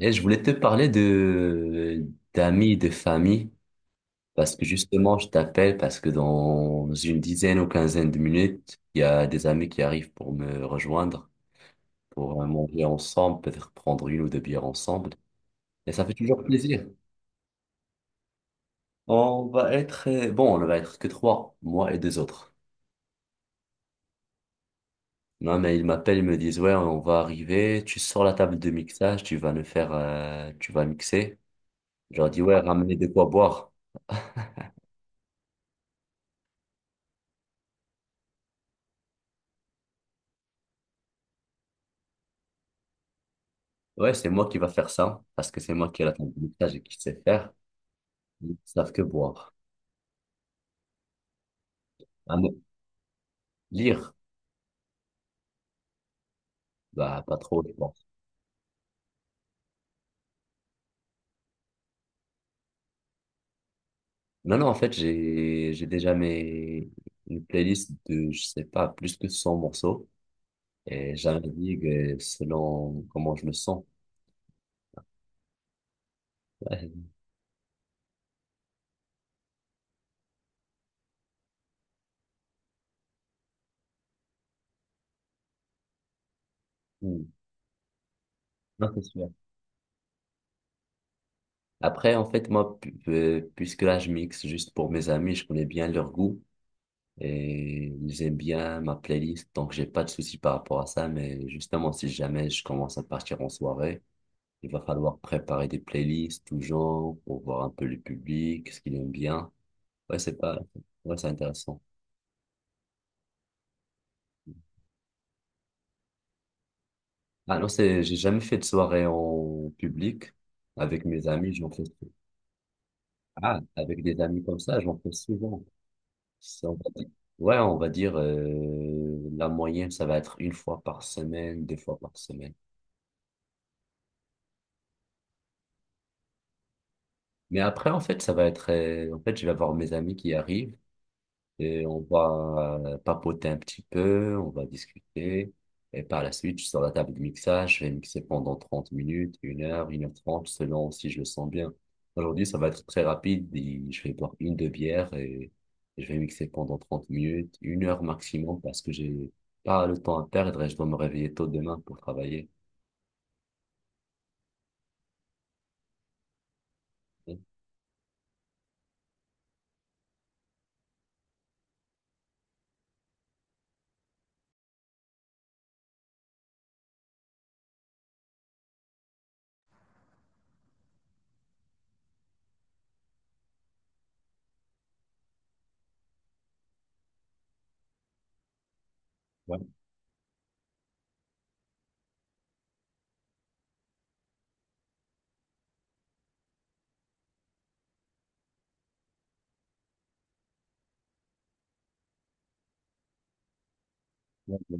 Et je voulais te parler de d'amis, de famille, parce que justement, je t'appelle parce que dans une dizaine ou quinzaine de minutes, il y a des amis qui arrivent pour me rejoindre, pour manger ensemble, peut-être prendre une ou deux bières ensemble. Et ça fait toujours plaisir. On va être, bon, on va être que trois, moi et deux autres. Non, mais ils m'appellent, ils me disent, ouais, on va arriver, tu sors la table de mixage, tu vas mixer. Je leur dis, ouais, ramenez de quoi boire. Ouais, c'est moi qui va faire ça, parce que c'est moi qui ai la tête de mixage et qui sait faire. Ils savent que boire. Ah non, lire, bah pas trop, je pense. Non, non, en fait, j'ai déjà mes une playlist de, je sais pas, plus que 100 morceaux. Et j'indique selon comment je me sens. Ouais. Mm. Non, c'est sûr. Après, en fait, moi, puisque là, je mixe juste pour mes amis, je connais bien leur goût. Et j'aime bien ma playlist, donc j'ai pas de souci par rapport à ça, mais justement, si jamais je commence à partir en soirée, il va falloir préparer des playlists toujours pour voir un peu le public, ce qu'il aime bien. Ouais, c'est pas, ouais, c'est intéressant. Ah non, c'est, j'ai jamais fait de soirée en public avec mes amis, j'en fais, ah, avec des amis comme ça, j'en fais souvent. C'est- on va dire- Ouais, on va dire, la moyenne, ça va être une fois par semaine, deux fois par semaine. Mais après, en fait, je vais avoir mes amis qui arrivent et on va papoter un petit peu, on va discuter. Et par la suite, je suis sur la table de mixage, je vais mixer pendant 30 minutes, 1 heure, 1h30, selon si je le sens bien. Aujourd'hui, ça va être très rapide, et je vais boire une, deux bières et je vais mixer pendant 30 minutes, une heure maximum parce que j'ai pas le temps à perdre et je dois me réveiller tôt demain pour travailler. Ouais, ouais, ouais, ouais.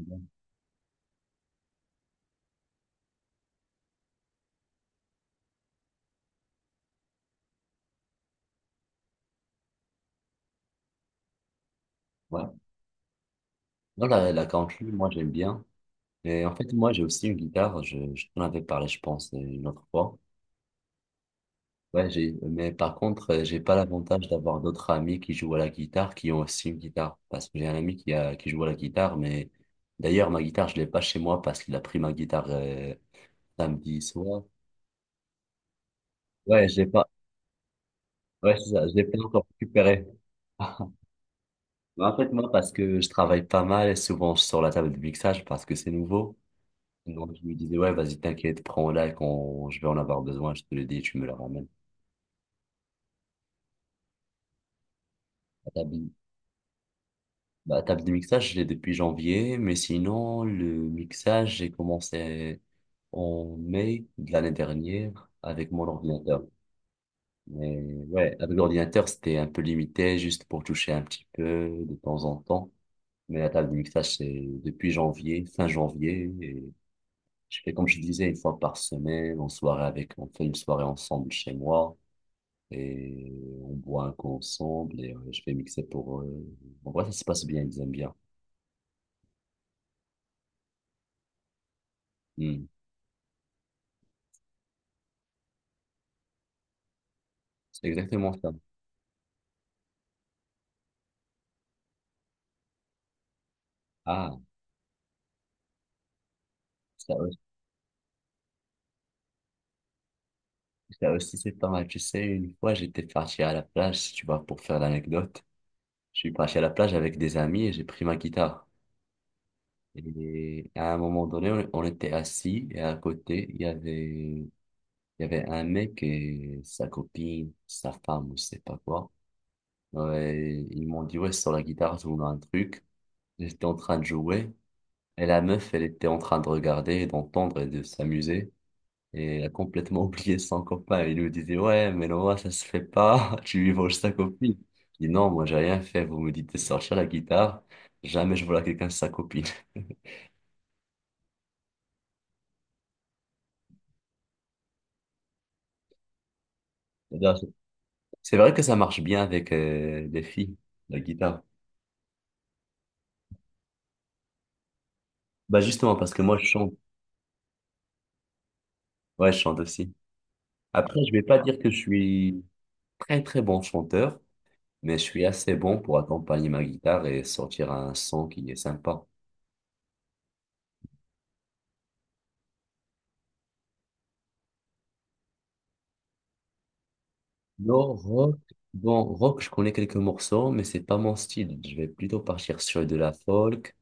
Ouais. Voilà, la country, moi, j'aime bien. Mais en fait, moi, j'ai aussi une guitare. Je t'en avais parlé, je pense, une autre fois. Ouais, j'ai, mais par contre, j'ai pas l'avantage d'avoir d'autres amis qui jouent à la guitare, qui ont aussi une guitare. Parce que j'ai un ami qui a, qui joue à la guitare, mais d'ailleurs, ma guitare, je l'ai pas chez moi parce qu'il a pris ma guitare, samedi soir. Ouais, je l'ai pas, ouais, c'est ça, je l'ai pas encore récupéré. Mais en fait, moi, parce que je travaille pas mal et souvent je sors la table de mixage parce que c'est nouveau. Donc, je me disais, ouais, vas-y, t'inquiète, prends-la et quand je vais en avoir besoin, je te le dis, tu me la ramènes. La bi- La table de mixage, je l'ai depuis janvier, mais sinon, le mixage, j'ai commencé en mai de l'année dernière avec mon ordinateur. Mais ouais, avec l'ordinateur, c'était un peu limité, juste pour toucher un petit peu de temps en temps. Mais la table de mixage, c'est depuis janvier, fin janvier. Et je fais comme je disais, une fois par semaine, en soirée avec, on fait une soirée ensemble chez moi. Et on boit un coup ensemble et je fais mixer pour eux. En vrai, ça se passe bien, ils aiment bien. Hmm. C'est exactement ça. Ah, ça aussi, ça aussi c'est pas mal. Tu sais, une fois, j'étais parti à la plage, si tu vois, pour faire l'anecdote. Je suis parti à la plage avec des amis et j'ai pris ma guitare. Et à un moment donné, on était assis et à côté, il y avait un mec et sa copine, sa femme, ou je sais pas quoi. Ouais, ils m'ont dit, ouais, sur la guitare, je voulais un truc. J'étais en train de jouer. Et la meuf, elle était en train de regarder, et d'entendre et de s'amuser. Et a complètement oublié son copain. Il lui disait, ouais, mais Noah, ça se fait pas. Tu lui voles sa copine. Il dit, non, moi, j'ai rien fait. Vous me dites de sortir la guitare. Jamais je vole à quelqu'un sa copine. C'est-à-dire, C'est c'est vrai que ça marche bien avec les filles, la guitare. Bah, justement, parce que moi, je chante. Ouais, je chante aussi. Après, je vais pas dire que je suis très, très bon chanteur, mais je suis assez bon pour accompagner ma guitare et sortir un son qui est sympa. Non, rock. Bon, rock, je connais quelques morceaux, mais c'est pas mon style. Je vais plutôt partir sur de la folk,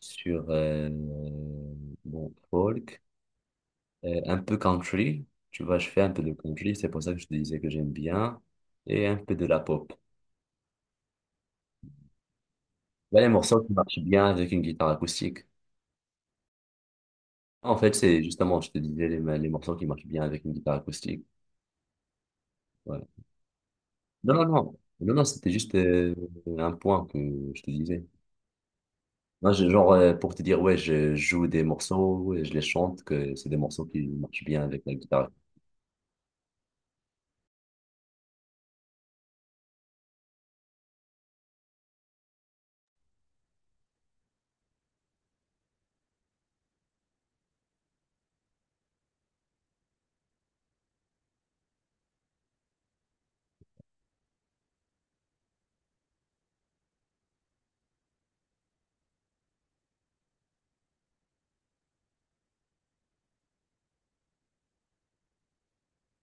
sur bon, folk, un peu country. Tu vois, je fais un peu de country, c'est pour ça que je te disais que j'aime bien, et un peu de la pop. Là, les morceaux qui marchent bien avec une guitare acoustique. En fait, c'est justement, je te disais, les morceaux qui marchent bien avec une guitare acoustique. Ouais. Non, non, non. Non, non, c'était juste un point que je te disais. Non, je- genre, pour te dire, ouais, je joue des morceaux et je les chante, que c'est des morceaux qui marchent bien avec la guitare.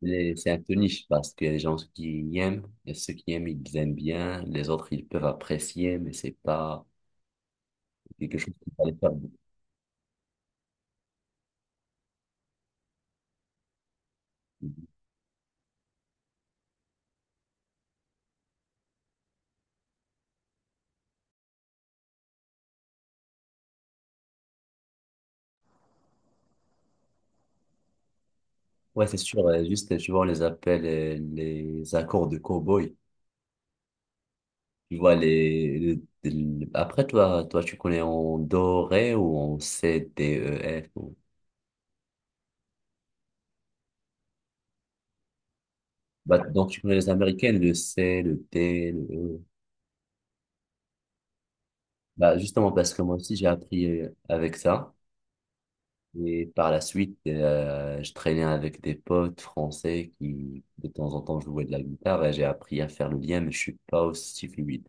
Mais c'est un peu niche parce que les gens qui aiment, et ceux qui aiment, ils aiment bien, les autres, ils peuvent apprécier, mais c'est pas quelque chose qui va les faire. Ouais, c'est sûr, juste, tu vois, on les appelle les accords de cow-boy. Tu vois, après, toi, tu connais en do, ré ou en C, D, E, F. Ou bah, donc, tu connais les Américaines, le C, le D, le E. Bah, justement, parce que moi aussi, j'ai appris avec ça. Et par la suite, je traînais avec des potes français qui, de temps en temps, jouaient de la guitare et j'ai appris à faire le lien, mais je suis pas aussi fluide.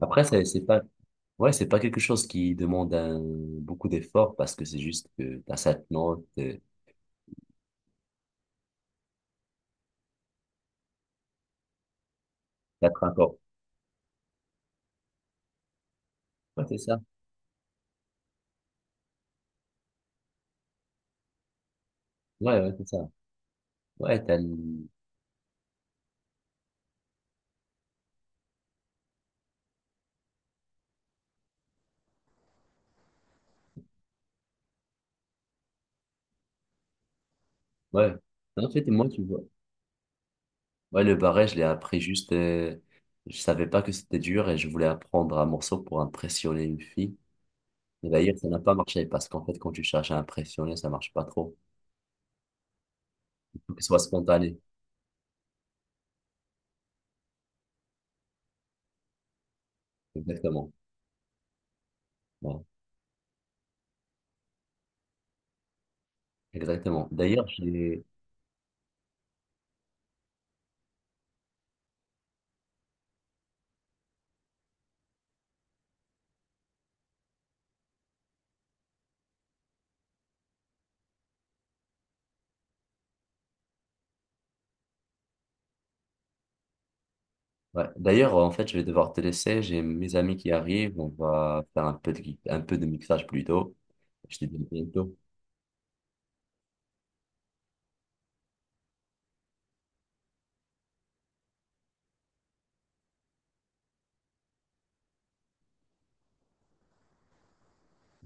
Après, c'est pas, ouais, c'est pas quelque chose qui demande beaucoup d'efforts parce que c'est juste que t'as cette note, t'as un accords. Ouais, c'est ça. Ouais, ouais, c'est ça. Ouais, ouais. En fait, moi, tu vois. Ouais, le barret, je l'ai appris juste, je savais pas que c'était dur et je voulais apprendre un morceau pour impressionner une fille. Et d'ailleurs, ça n'a pas marché parce qu'en fait, quand tu cherches à impressionner, ça marche pas trop. Il faut que ce soit spontané. Exactement. Ouais, exactement. D'ailleurs, j'ai. Ouais. D'ailleurs, en fait, je vais devoir te laisser. J'ai mes amis qui arrivent. On va faire un peu de mixage plus tôt. Je te dis à bientôt.